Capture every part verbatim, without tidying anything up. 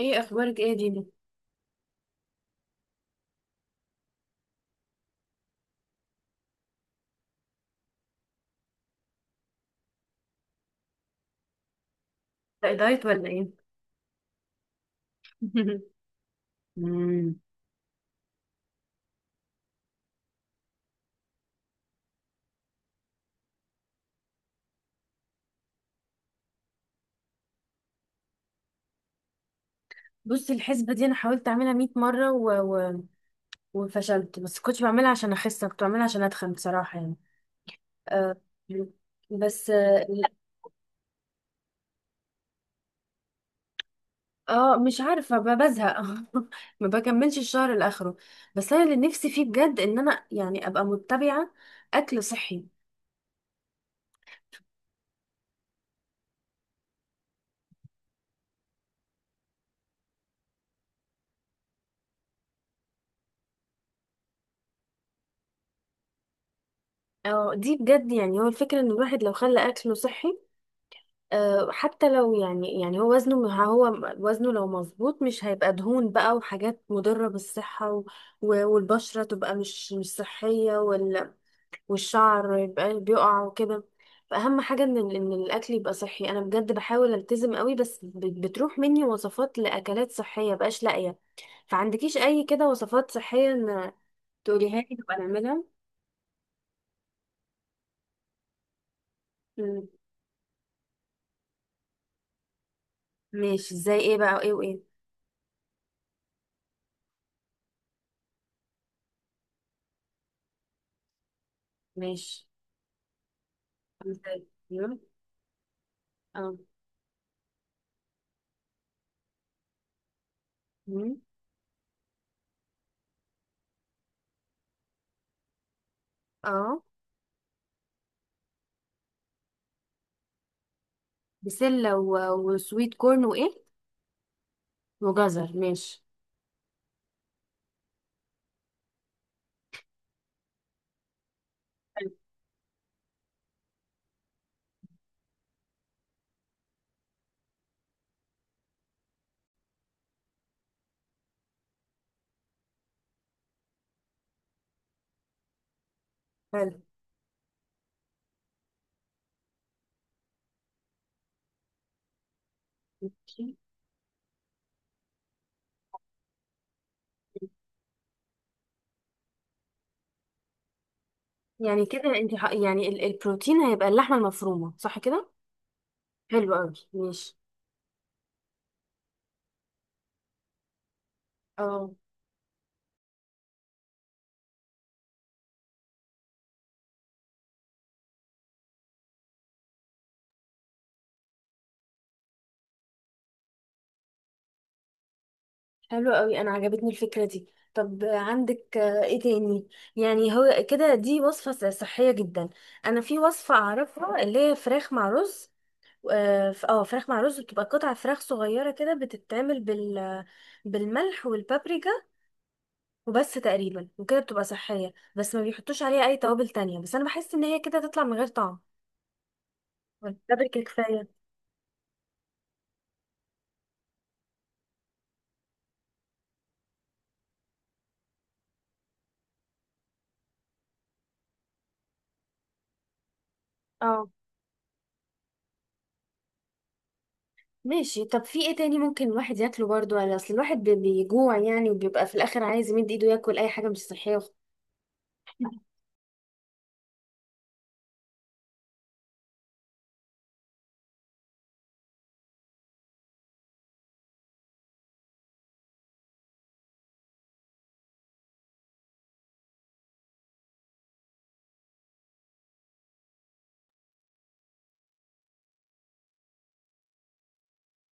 ايه اخبارك ايه يا دينا؟ ده دايت ولا ايه؟ مم. بصي الحسبه دي انا حاولت اعملها مئة مره و... و... وفشلت، بس كنت بعملها عشان اخس، كنت بعملها عشان اتخن، بصراحه يعني. آه بس، اه آه، مش عارفه، ب- بزهق. ما بكملش الشهر لاخره. بس انا اللي نفسي فيه بجد، ان انا يعني ابقى متبعه اكل صحي. اه، دي بجد يعني، هو الفكره ان الواحد لو خلى اكله صحي، آه، حتى لو، يعني يعني هو وزنه م- هو وزنه لو مظبوط، مش هيبقى دهون بقى وحاجات مضرة بالصحة، و... و- والبشرة تبقى مش مش صحية، وال... والشعر يبقى بيقع وكده. فأهم حاجة إن ال- إن الأكل يبقى صحي. أنا بجد بحاول ألتزم قوي، بس ب- بتروح مني وصفات لأكلات صحية، بقاش لاقية. فعندكيش أي كده وصفات صحية إن تقوليها لي تبقى نعملها؟ مم. ماشي، زي إيه بقى وإيه وإيه؟ ماشي. زي- أيوة. اه. مم. اه. بسلة و- وسويت كورن وإيه؟ وجزر. ماشي. حلو. حلو. ماشي، يعني كده انت، ح- يعني ال- البروتين هيبقى اللحمة المفرومة، صح كده؟ حلو قوي، ماشي. اه. حلو قوي، انا عجبتني الفكره دي. طب عندك آه، ايه تاني؟ يعني هو كده، دي وصفه ص- صحيه جدا. انا في وصفه اعرفها اللي هي فراخ مع رز. اه، ف- آه، فراخ مع رز، بتبقى قطع فراخ صغيره كده، بتتعمل بال بالملح والبابريكا وبس تقريبا، وكده بتبقى صحية، بس ما بيحطوش عليها أي توابل تانية. بس أنا بحس إن هي كده تطلع من غير طعم، والتوابل كده كفاية. اه. ماشي. طب في ايه تاني ممكن الواحد ياكله برضو يعني؟ اصل الواحد بي- بيجوع يعني، وبيبقى في الاخر عايز يمد ايده ياكل اي حاجه مش صحيه. وخ-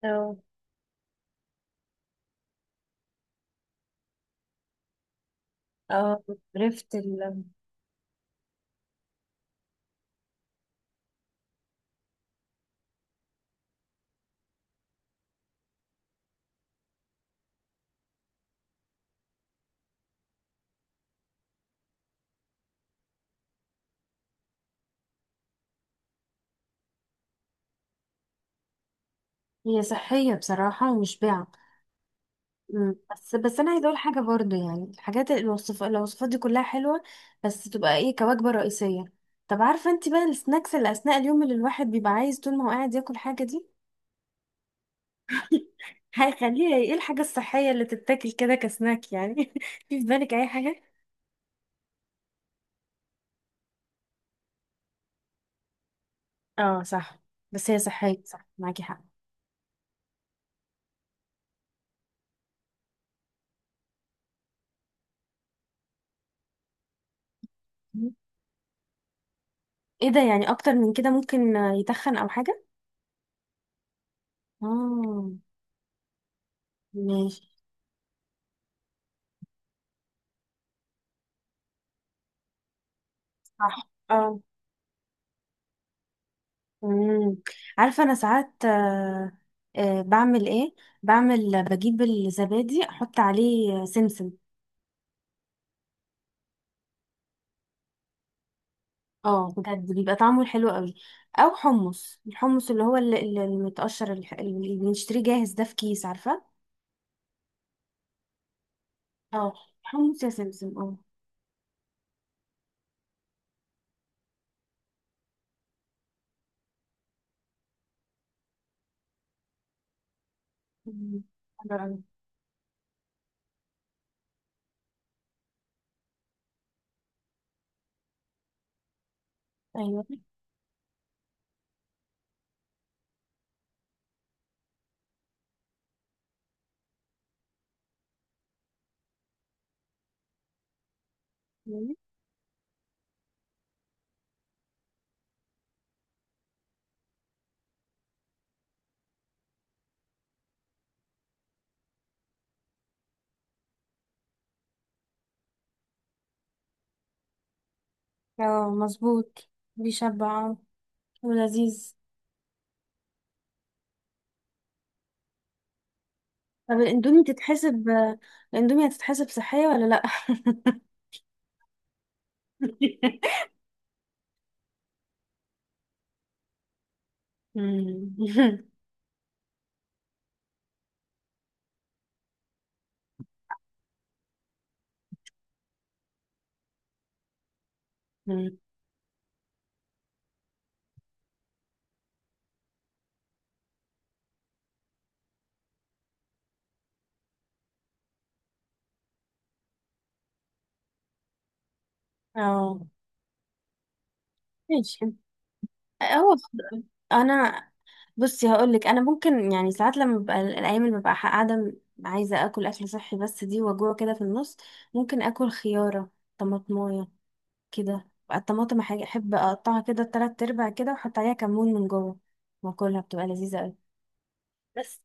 اه، اه، عرفت ال... هي صحية بصراحة ومشبعة. مم. بس بس انا عايزه اقول حاجه، برضو يعني الحاجات، الوصف الوصفات دي كلها حلوه، بس تبقى ايه كوجبه رئيسيه؟ طب عارفه انت بقى السناكس اللي اثناء اليوم، اللي الواحد بيبقى عايز طول ما هو قاعد ياكل حاجه دي؟ هيخليها ايه الحاجه الصحيه اللي تتاكل كده كسناك يعني؟ في في بالك اي حاجه؟ اه، صح. بس هي صحيه، صح، معاكي حق. مم. ايه ده؟ يعني اكتر من كده ممكن يتخن او حاجه؟ اه. ماشي. صح. اه. مم. عارفة، أنا ساعات، آه، آه، بعمل إيه؟ بعمل بجيب الزبادي، أحط عليه سمسم. اه، بجد بيبقى طعمه حلو قوي. أو حمص الحمص اللي هو ال- ال- المتقشر، الح- اللي بنشتريه جاهز ده في كيس، عارفة؟ اه. حمص يا سمسم، اه. مم. حلو أوي. أيوه. مم. اه، مظبوط. بيشبع آه، ولذيذ. طب الأندومي تتحسب الأندومي هتتحسب صحية ولا لأ؟ مم. اه. ماشي. هو خد- انا، بصي، هقول لك، انا ممكن يعني ساعات لما ببقى، الايام اللي ببقى قاعده عايزه اكل اكل صحي، بس دي وجوه كده في النص. ممكن اكل خياره، طماطمايه كده. بقى الطماطم حاجه احب اقطعها كده تلات ارباع كده، واحط عليها كمون من جوه، واكلها بتبقى لذيذه قوي. بس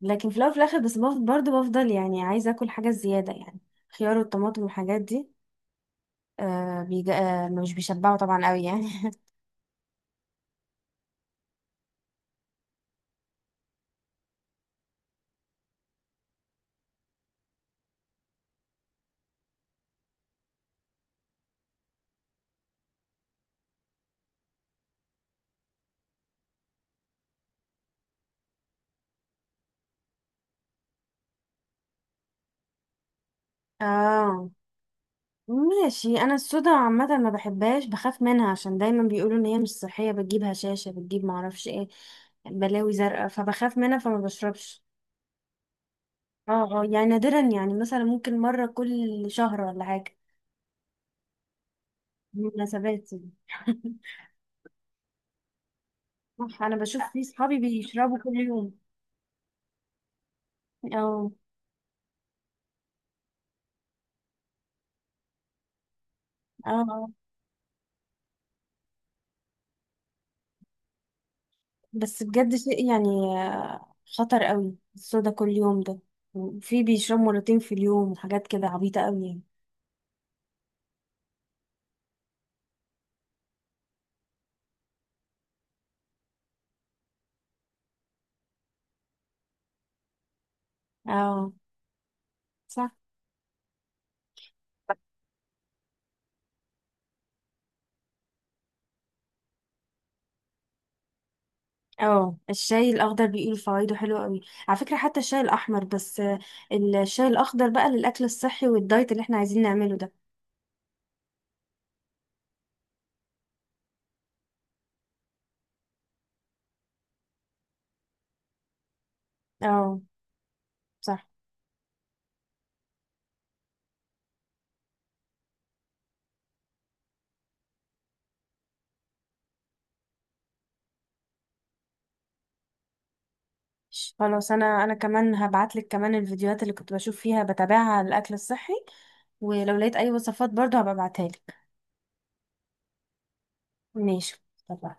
لكن في الاول وفي الاخر، بس بفضل برضه بفضل يعني عايزه اكل حاجه زياده يعني. خيار والطماطم والحاجات دي، آه بيج... آه مش بيشبعوا طبعا قوي يعني. اه. ماشي. انا الصودا عامه ما بحبهاش، بخاف منها عشان دايما بيقولوا ان هي مش صحيه، بتجيب هشاشه، بتجيب معرفش ايه، بلاوي زرقاء، فبخاف منها فما بشربش. اه، اه، يعني نادرا، يعني مثلا ممكن مره كل شهر ولا حاجه، مناسبات يعني. صح، انا بشوف في صحابي بيشربوا كل يوم. اه، اه، آه. بس بجد شيء يعني، آه، خطر قوي الصودا كل يوم ده. في بيشربوا مرتين في اليوم وحاجات كده، عبيطه قوي يعني. اه، صح. اه، الشاي الاخضر بيقولوا فوائده حلوه قوي. على فكره حتى الشاي الاحمر، بس آه، الشاي الاخضر بقى للاكل الصحي والدايت اللي احنا عايزين نعمله ده. اه، صح. ش- خلاص، انا انا كمان هبعت لك كمان الفيديوهات اللي كنت بشوف فيها بتابعها على الاكل الصحي، ولو لقيت اي وصفات برضو هبقى ابعتها لك. ماشي. طبعا.